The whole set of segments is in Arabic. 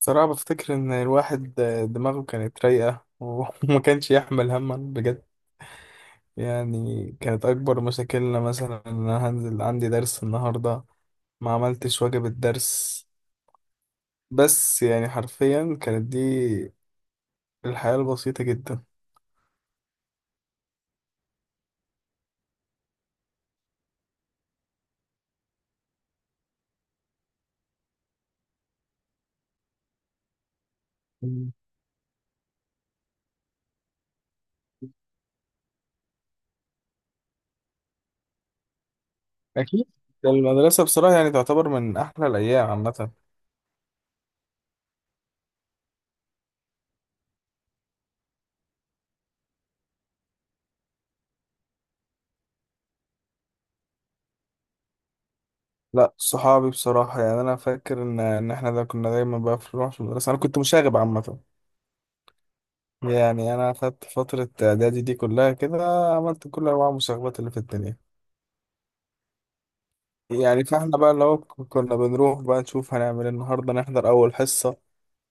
صراحة بفتكر إن الواحد دماغه كانت رايقة وما كانش يحمل هما بجد. يعني كانت أكبر مشاكلنا مثلا إن أنا هنزل عندي درس النهاردة ما عملتش واجب الدرس، بس يعني حرفيا كانت دي الحياة البسيطة جدا. مم. أكيد. المدرسة بصراحة يعني تعتبر من أحلى الأيام عامة. لا، صحابي بصراحة، يعني أنا فاكر إن إحنا ده كنا دايما بقى نروح في المدرسة. أنا كنت مشاغب عامة، يعني انا خدت فترة اعدادي دي كلها كده عملت كل انواع المسابقات اللي في الدنيا. يعني فاحنا بقى اللي هو كنا بنروح بقى نشوف هنعمل إيه النهاردة، نحضر اول حصة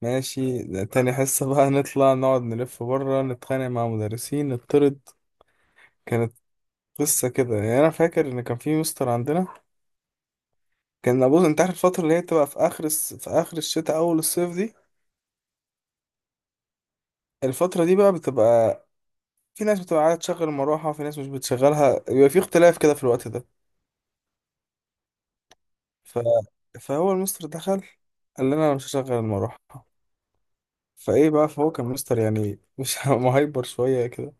ماشي، تاني حصة بقى نطلع نقعد نلف بره نتخانق مع مدرسين نطرد. كانت قصة كده، يعني انا فاكر ان كان في مستر عندنا كان ابوظ، انت عارف الفترة اللي هي بتبقى في في اخر الشتاء اول الصيف دي. الفترة دي بقى بتبقى في ناس بتبقى عايزة تشغل المروحة وفي ناس مش بتشغلها، بيبقى في اختلاف كده في الوقت ده. ف... فهو المستر دخل قال لنا انا مش هشغل المروحه. فايه بقى، فهو كان مستر يعني مش مهايبر شويه كده،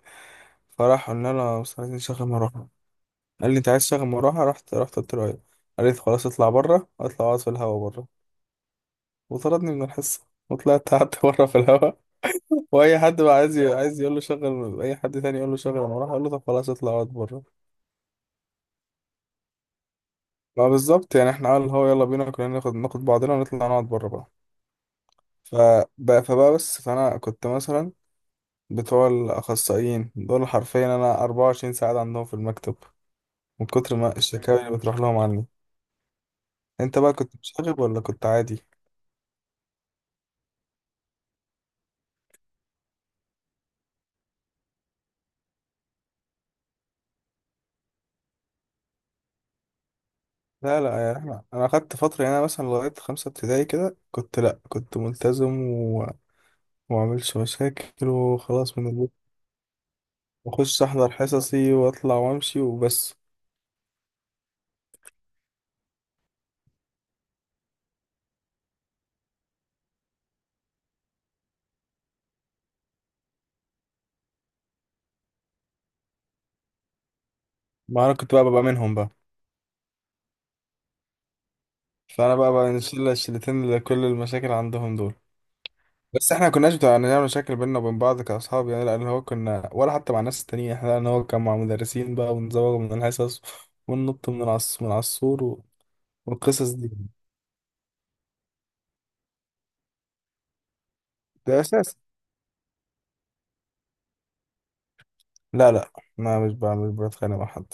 فراح قلنا له يا مستر عايزين نشغل مروحه. قال لي انت عايز تشغل مروحه، رحت قلت له ايوه. قال لي "طب خلاص اطلع بره، اطلع اقعد في الهوا بره"، وطردني من الحصه وطلعت قعدت بره في الهوا. واي حد بقى عايز عايز يقول له شغل، اي حد تاني يقول له شغل المروحه اقول له طب خلاص اطلع اقعد بره. ما بالظبط، يعني احنا قال هو يلا بينا كلنا ناخد بعضنا ونطلع نقعد بره بقى. فبقى بس، فانا كنت مثلا بتوع الأخصائيين دول حرفيا أنا 24 ساعة عندهم في المكتب من كتر ما الشكاوي اللي بتروح لهم عني. أنت بقى كنت مشاغب ولا كنت عادي؟ لا لا يا أحمد، أنا أخدت فترة، يعني أنا مثلا لغاية خمسة ابتدائي كده كنت، لأ كنت ملتزم ومعملش مشاكل وخلاص، من البيت وأخش أحضر حصصي وأطلع وأمشي وبس. ما أنا كنت بقى ببقى منهم بقى. فأنا بقى الشلة الشلتين اللي كل المشاكل عندهم دول. بس احنا ما كناش بتوع نعمل مشاكل بيننا وبين بعض كأصحاب يعني، لأن هو كنا ولا حتى مع الناس التانيين احنا، لأن هو كان مع مدرسين بقى ونزوغ من الحصص وننط من العصور و... والقصص دي، ده أساس. لا لا، ما مش بقى مش بتخانق مع حد.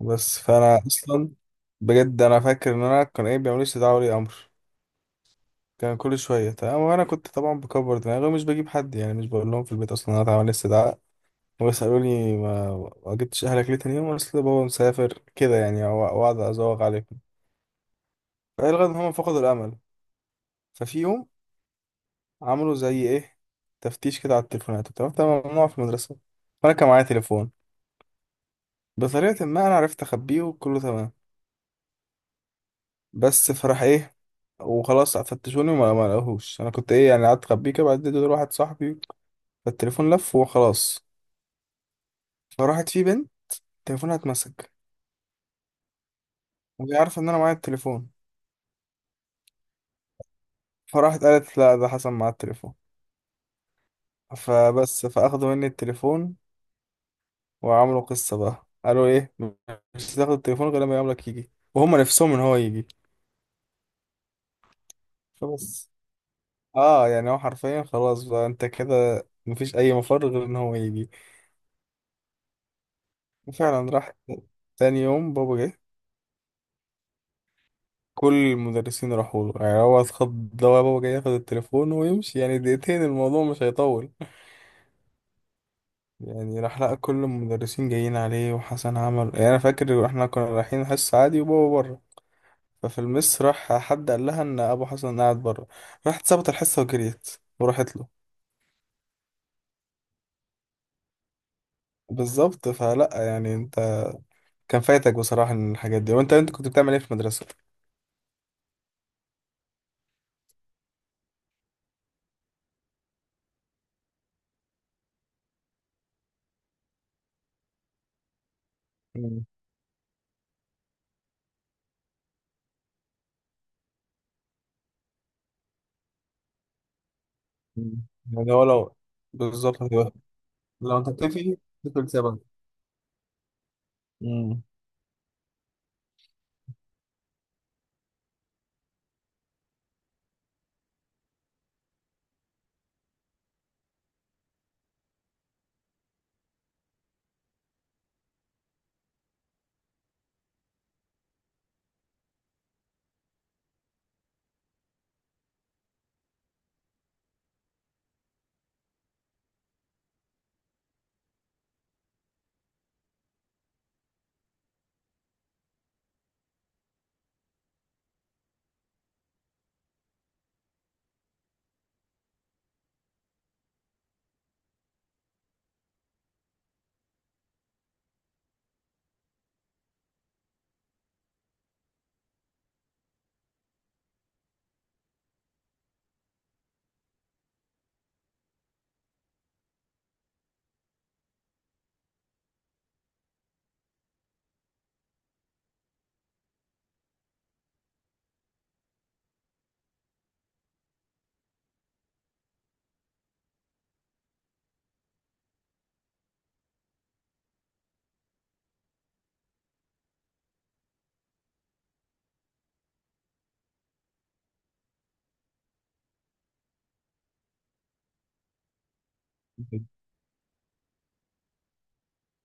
بس فأنا أصلا بجد أنا فاكر إن أنا كان إيه بيعملوا لي استدعاء ولي أمر، كان كل شوية. تمام وأنا كنت طبعا بكبر دماغي ومش بجيب حد، يعني مش بقول لهم في البيت أصلا إن أنا اتعمل لي استدعاء، ويسألوني ما جبتش أهلك ليه تاني يوم، أصل بابا مسافر كده يعني وأقعد أزوغ عليهم. فالغى ان هم فقدوا الامل. ففي يوم عملوا زي ايه تفتيش كده على التليفونات وبتاع، كان ممنوع في المدرسه، وانا كان معايا تليفون، بطريقه ما انا عرفت اخبيه وكله تمام. بس فراح ايه وخلاص فتشوني وما ما لقوهوش، انا كنت ايه يعني، قعدت اخبيه كده بعد اديته لواحد صاحبي، فالتليفون لف وخلاص. فراحت في بنت تليفونها اتمسك، وهي عارفه ان انا معايا التليفون، فراحت قالت لا ده حصل معايا التليفون. فبس فاخدوا مني التليفون وعملوا قصة بقى، قالوا ايه مش هتاخد التليفون غير لما يقابلك يجي، وهم نفسهم ان هو يجي. فبس اه، يعني هو حرفيا خلاص بقى انت كده مفيش اي مفر غير ان هو يجي. وفعلا راح تاني يوم بابا جه، كل المدرسين راحوا له، يعني هو اتخض لو بابا جاي ياخد التليفون ويمشي يعني دقيقتين الموضوع مش هيطول. يعني راح لقى كل المدرسين جايين عليه، وحسن عمل. يعني انا فاكر احنا كنا رايحين حصة عادي وبابا بره، ففي المس راح حد قال لها ان ابو حسن قاعد بره، راحت سابت الحصه وجريت وراحت له. بالظبط، فلا يعني انت كان فايتك بصراحه إن الحاجات دي، وانت كنت بتعمل ايه في المدرسه. مم. مم. يعني هو لو بالظبط، لو انت بتفي تدخل سبب. مم.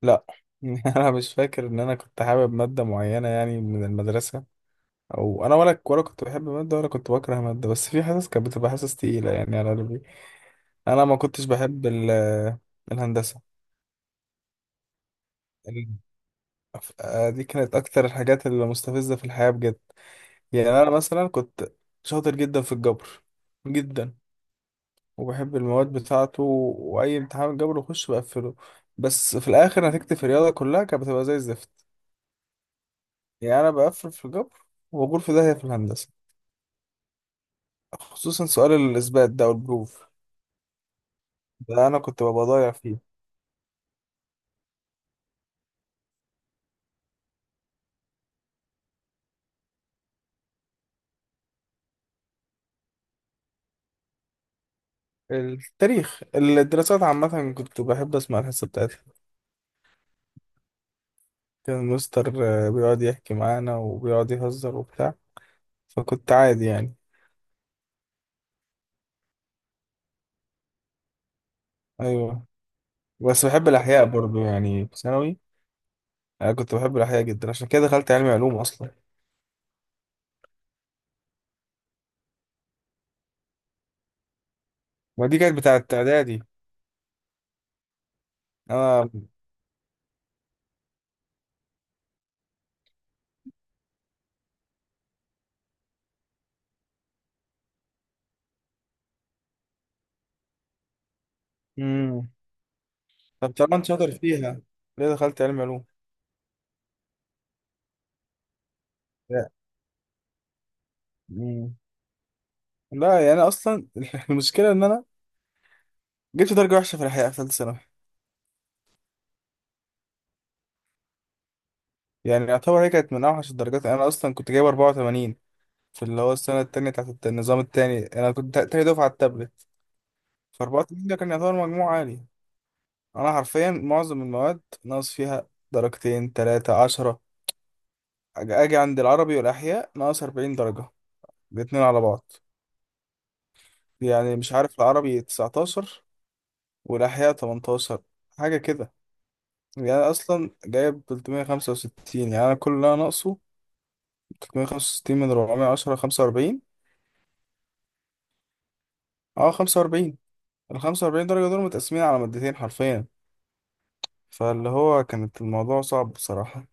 لا، انا مش فاكر ان انا كنت حابب ماده معينه يعني من المدرسه، او انا ولا كنت بحب ماده ولا كنت بكره ماده، بس في حصص كانت بتبقى حصص تقيله يعني على قلبي. انا ما كنتش بحب الهندسه. دي كانت اكتر الحاجات اللي مستفزة في الحياة بجد. يعني انا مثلا كنت شاطر جدا في الجبر، جدا، وبحب المواد بتاعته، واي امتحان جبر بخش بقفله، بس في الاخر نتيجتي في الرياضة كلها كانت بتبقى زي الزفت. يعني انا بقفل في الجبر وبقول في داهية في الهندسة، خصوصا سؤال الاثبات ده والبروف، ده انا كنت ببقى ضايع فيه. التاريخ الدراسات عامة كنت بحب أسمع الحصة بتاعتها، كان المستر بيقعد يحكي معانا وبيقعد يهزر وبتاع، فكنت عادي يعني. ايوه. بس بحب الاحياء برضو يعني في ثانوي، انا كنت بحب الاحياء جدا عشان كده دخلت علمي علوم اصلا. ما دي كانت بتاعه اعدادي. انا. امم طب طبعا شاطر فيها ليه دخلت علمي علوم. لا امم لا، يعني انا اصلا المشكله ان انا جبت درجه وحشه في الاحياء في ثالثه ثانوي. يعني يعتبر هي كانت من اوحش الدرجات، انا اصلا كنت جايب 84 في اللي هو السنه التانيه بتاعت النظام التاني، انا كنت تاني دفعه على التابلت. ف 84 ده كان يعتبر مجموع عالي، انا حرفيا معظم المواد ناقص فيها درجتين تلاتة عشرة. اجي عند العربي والاحياء ناقص 40 درجة الاتنين على بعض، يعني مش عارف العربي 19 والاحياء 18 حاجة كده. يعني أنا اصلا جايب 365، يعني انا كل اللي انا ناقصه، 365 من 410 45. اه 45، ال 45 درجة دول متقسمين على مادتين حرفيا. فاللي هو كانت الموضوع صعب بصراحة.